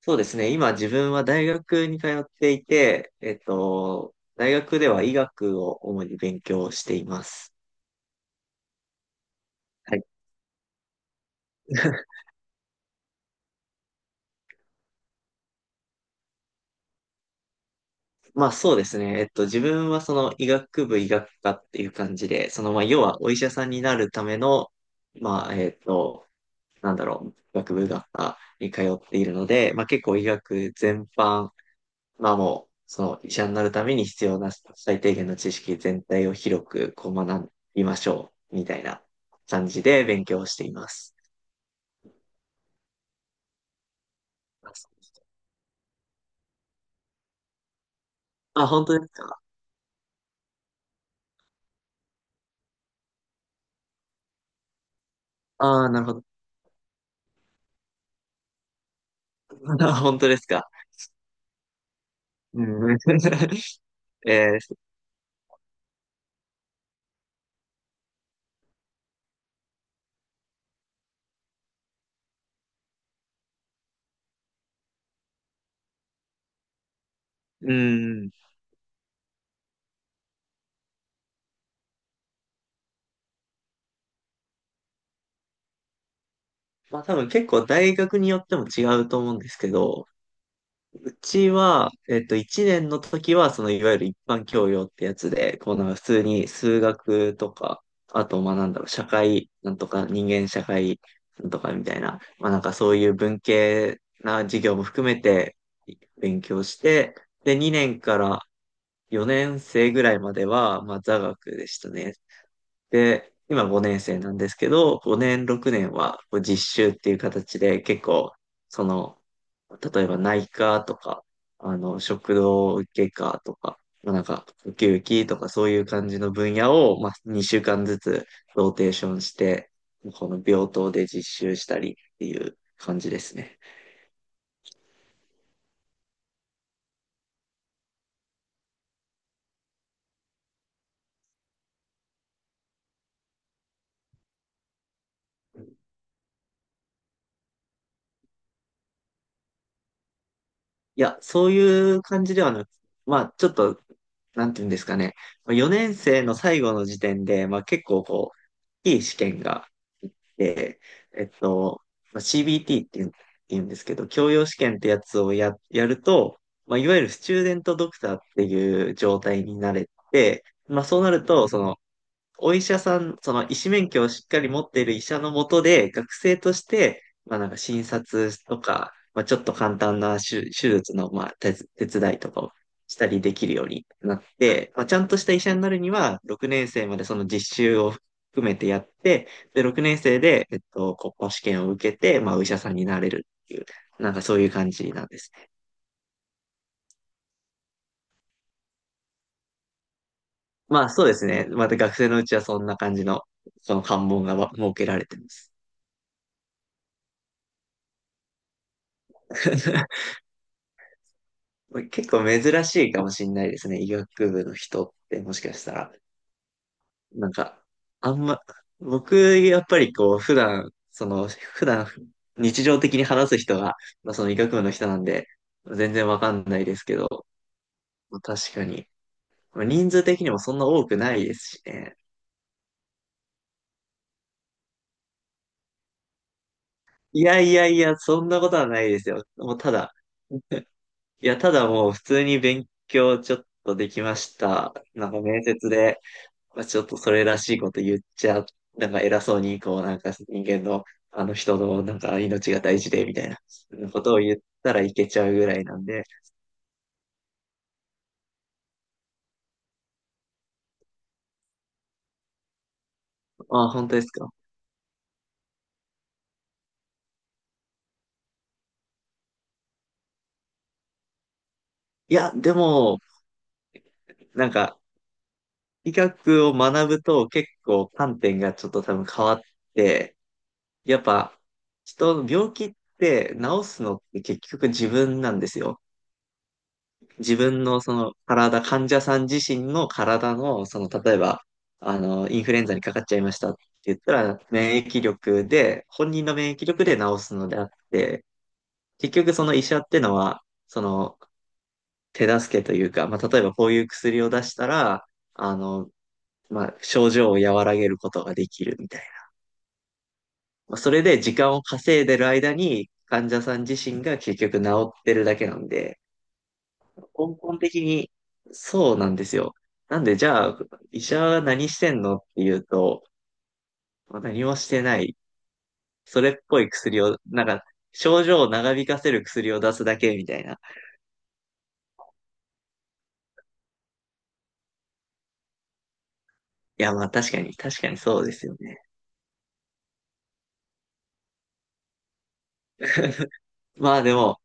そうですね。今自分は大学に通っていて、大学では医学を主に勉強しています。はい。まあそうですね。自分はその医学部医学科っていう感じで、そのまあ要はお医者さんになるための、まあえっと、医学部医学科に通っているので、まあ結構医学全般、まあもう、その医者になるために必要な最低限の知識全体を広くこう学びましょう、みたいな感じで勉強をしています。あ、本当ですか？ああ、なるほど。本当ですか。うん。えー、うん。まあ多分結構大学によっても違うと思うんですけど、ちは、えっと、1年の時は、その、いわゆる一般教養ってやつで、こう、なんか普通に数学とか、あと、まあ、なんだろう、社会、なんとか、人間社会、なんとかみたいな、まあ、なんかそういう文系な授業も含めて勉強して、で、2年から4年生ぐらいまでは、まあ、座学でしたね。で、今5年生なんですけど、5年、6年はこう実習っていう形で結構、その、例えば内科とか、食道外科とか、まあなんか、呼吸器とかそういう感じの分野を、まあ、2週間ずつローテーションして、この病棟で実習したりっていう感じですね。いや、そういう感じではなく、まあ、ちょっと、なんていうんですかね。4年生の最後の時点で、まあ結構こう、いい試験がでえっと、まあ、CBT って言うんですけど、教養試験ってやつをやると、まあ、いわゆるスチューデントドクターっていう状態になれて、まあ、そうなると、その、お医者さん、その医師免許をしっかり持っている医者のもとで、学生として、まあなんか診察とか、まあちょっと簡単な手術の、まあ手伝いとかをしたりできるようになって、まあちゃんとした医者になるには、6年生までその実習を含めてやって、で、6年生で、国家試験を受けて、まあお医者さんになれるっていう、なんかそういう感じなんですね。まあそうですね。また学生のうちはそんな感じの、その関門が設けられてます。まあ結構珍しいかもしれないですね。医学部の人ってもしかしたら。なんか、あんま、僕、やっぱりこう、普段、日常的に話す人が、まあ、その医学部の人なんで、全然わかんないですけど、まあ確かに。まあ人数的にもそんな多くないですしね。いやいやいや、そんなことはないですよ。もうただ、いや、ただもう普通に勉強ちょっとできました。なんか面接でまあ、ちょっとそれらしいこと言っちゃ、なんか偉そうに、こう、なんか人間の、あの人の、なんか命が大事で、みたいなことを言ったらいけちゃうぐらいなんで、あ、本当ですか。いや、でも、なんか、医学を学ぶと結構観点がちょっと多分変わって、やっぱ、人の病気って治すのって結局自分なんですよ。自分のその体、患者さん自身の体の、その例えば、インフルエンザにかかっちゃいましたって言ったら、免疫力で、本人の免疫力で治すのであって、結局その医者ってのは、その手助けというか、まあ、例えばこういう薬を出したら、あの、まあ、症状を和らげることができるみたいな。まあそれで時間を稼いでる間に、患者さん自身が結局治ってるだけなんで、根本的にそうなんですよ。なんで、じゃあ、医者は何してんのっていうと、まあ何もしてない。それっぽい薬を、なんか、症状を長引かせる薬を出すだけみたいな。いや、まあ確かに、確かにそうですよね。まあでも、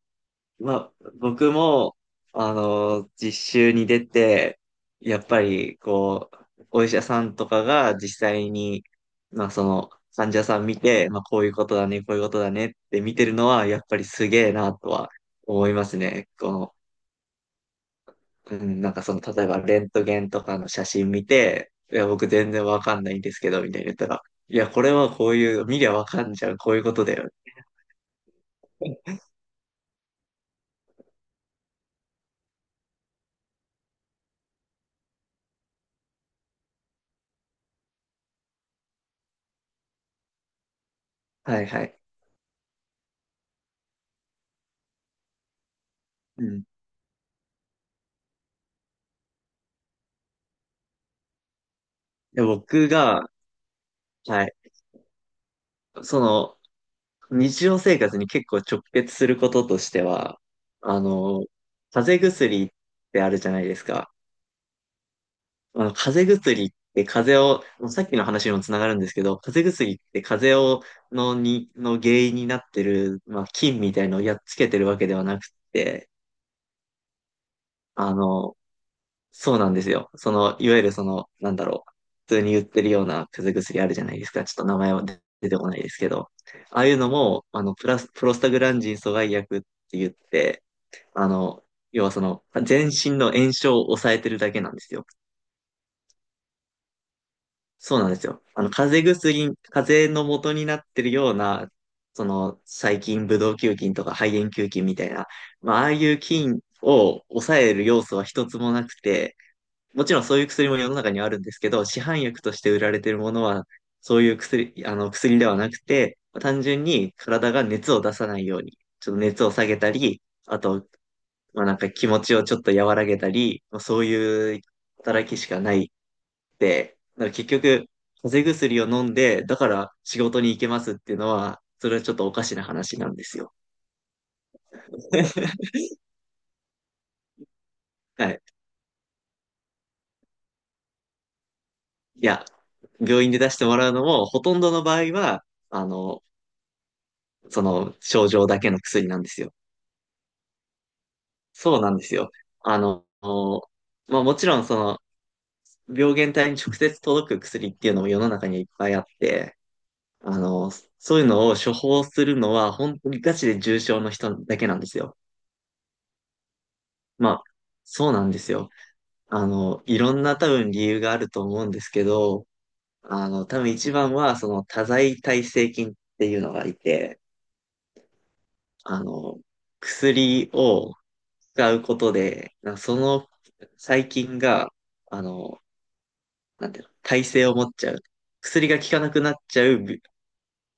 まあ、僕も、実習に出て、やっぱり、こう、お医者さんとかが実際に、まあ、その、患者さん見て、まあ、こういうことだね、こういうことだねって見てるのは、やっぱりすげえなとは思いますね。この、うん、なんかその、例えば、レントゲンとかの写真見て、いや、僕全然わかんないんですけど、みたいに言ったら、いや、これはこういう、見りゃわかんじゃん、こういうことだよ。はいはい。うん。で僕が、はい。その、日常生活に結構直結することとしては、あの、風邪薬ってあるじゃないですか。風邪薬って風邪を、もうさっきの話にもつながるんですけど、風邪薬って風邪を、の原因になってる、まあ、菌みたいのをやっつけてるわけではなくって、あの、そうなんですよ。その、いわゆるなんだろう。普通に売ってるような風邪薬あるじゃないですか。ちょっと名前は出てこないですけど。ああいうのも、プロスタグランジン阻害薬って言って、あの、要はその、全身の炎症を抑えてるだけなんですよ。そうなんですよ。風邪の元になってるような、その、細菌、ブドウ球菌とか肺炎球菌みたいな、まあ、ああいう菌を抑える要素は一つもなくて、もちろんそういう薬も世の中にはあるんですけど、市販薬として売られてるものは、そういう薬、あの薬ではなくて、単純に体が熱を出さないように、ちょっと熱を下げたり、あと、まあなんか気持ちをちょっと和らげたり、まあそういう働きしかないって、だから結局、風邪薬を飲んで、だから仕事に行けますっていうのは、それはちょっとおかしな話なんですよ。はい。いや、病院で出してもらうのも、ほとんどの場合は、あの、その症状だけの薬なんですよ。そうなんですよ。あの、まあもちろんその病原体に直接届く薬っていうのも世の中にいっぱいあって、あの、そういうのを処方するのは本当にガチで重症の人だけなんですよ。まあ、そうなんですよ。いろんな多分理由があると思うんですけど、多分一番はその多剤耐性菌っていうのがいて、あの、薬を使うことで、その細菌が、あの、なんていうの、耐性を持っちゃう。薬が効かなくなっちゃう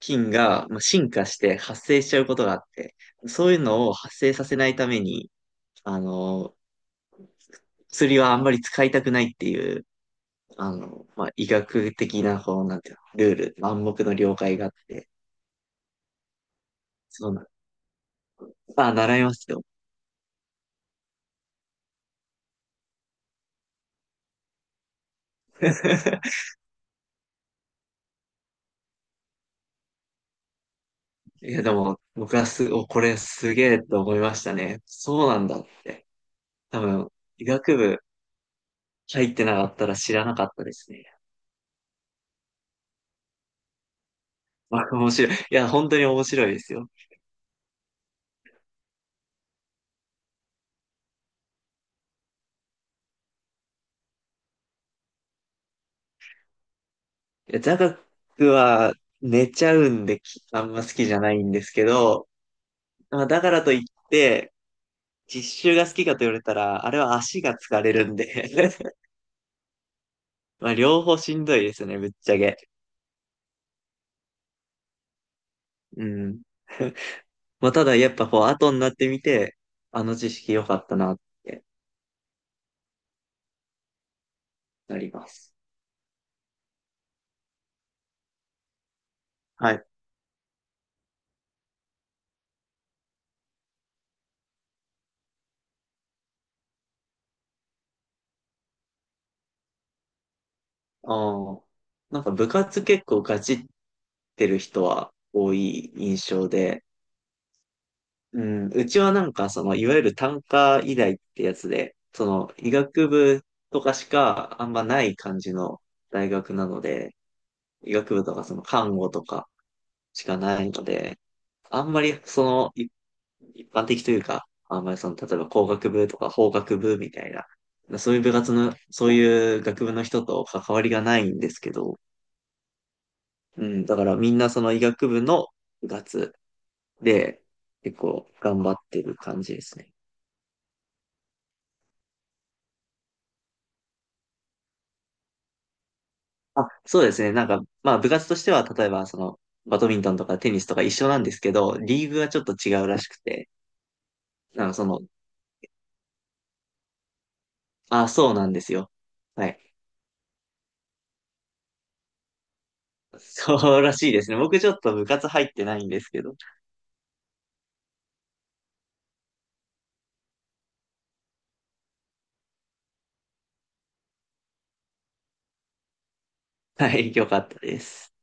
菌が、まあ、進化して発生しちゃうことがあって、そういうのを発生させないために、あの、薬はあんまり使いたくないっていう、まあ、医学的な、こう、なんていうの、ルール、暗黙の了解があって、そうなん、あ、習いますよ。いや、でも、僕はす、お、これすげえと思いましたね。そうなんだって。多分、医学部入ってなかったら知らなかったですね。まあ、面白い。いや、本当に面白いですよ。いや、座学は寝ちゃうんで、あんま好きじゃないんですけど、まあ、だからといって、実習が好きかと言われたら、あれは足が疲れるんで まあ、両方しんどいですね、ぶっちゃけ。うん。まあ、ただ、やっぱこう、後になってみて、あの知識良かったなってなります。はい。ああ。なんか部活結構ガチってる人は多い印象で、うん、うちはなんかその、いわゆる単科医大ってやつで、その、医学部とかしかあんまない感じの大学なので、医学部とかその看護とかしかないので、あんまりその、一般的というか、あんまりその、例えば工学部とか法学部みたいな、そういう部活の、そういう学部の人と関わりがないんですけど、うん、だからみんなその医学部の部活で結構頑張ってる感じですね。あ、そうですね。なんか、まあ部活としては例えばそのバドミントンとかテニスとか一緒なんですけど、リーグはちょっと違うらしくて、なんかその、あ、そうなんですよ。はい。そうらしいですね。僕ちょっと部活入ってないんですけど。はい、よかったです。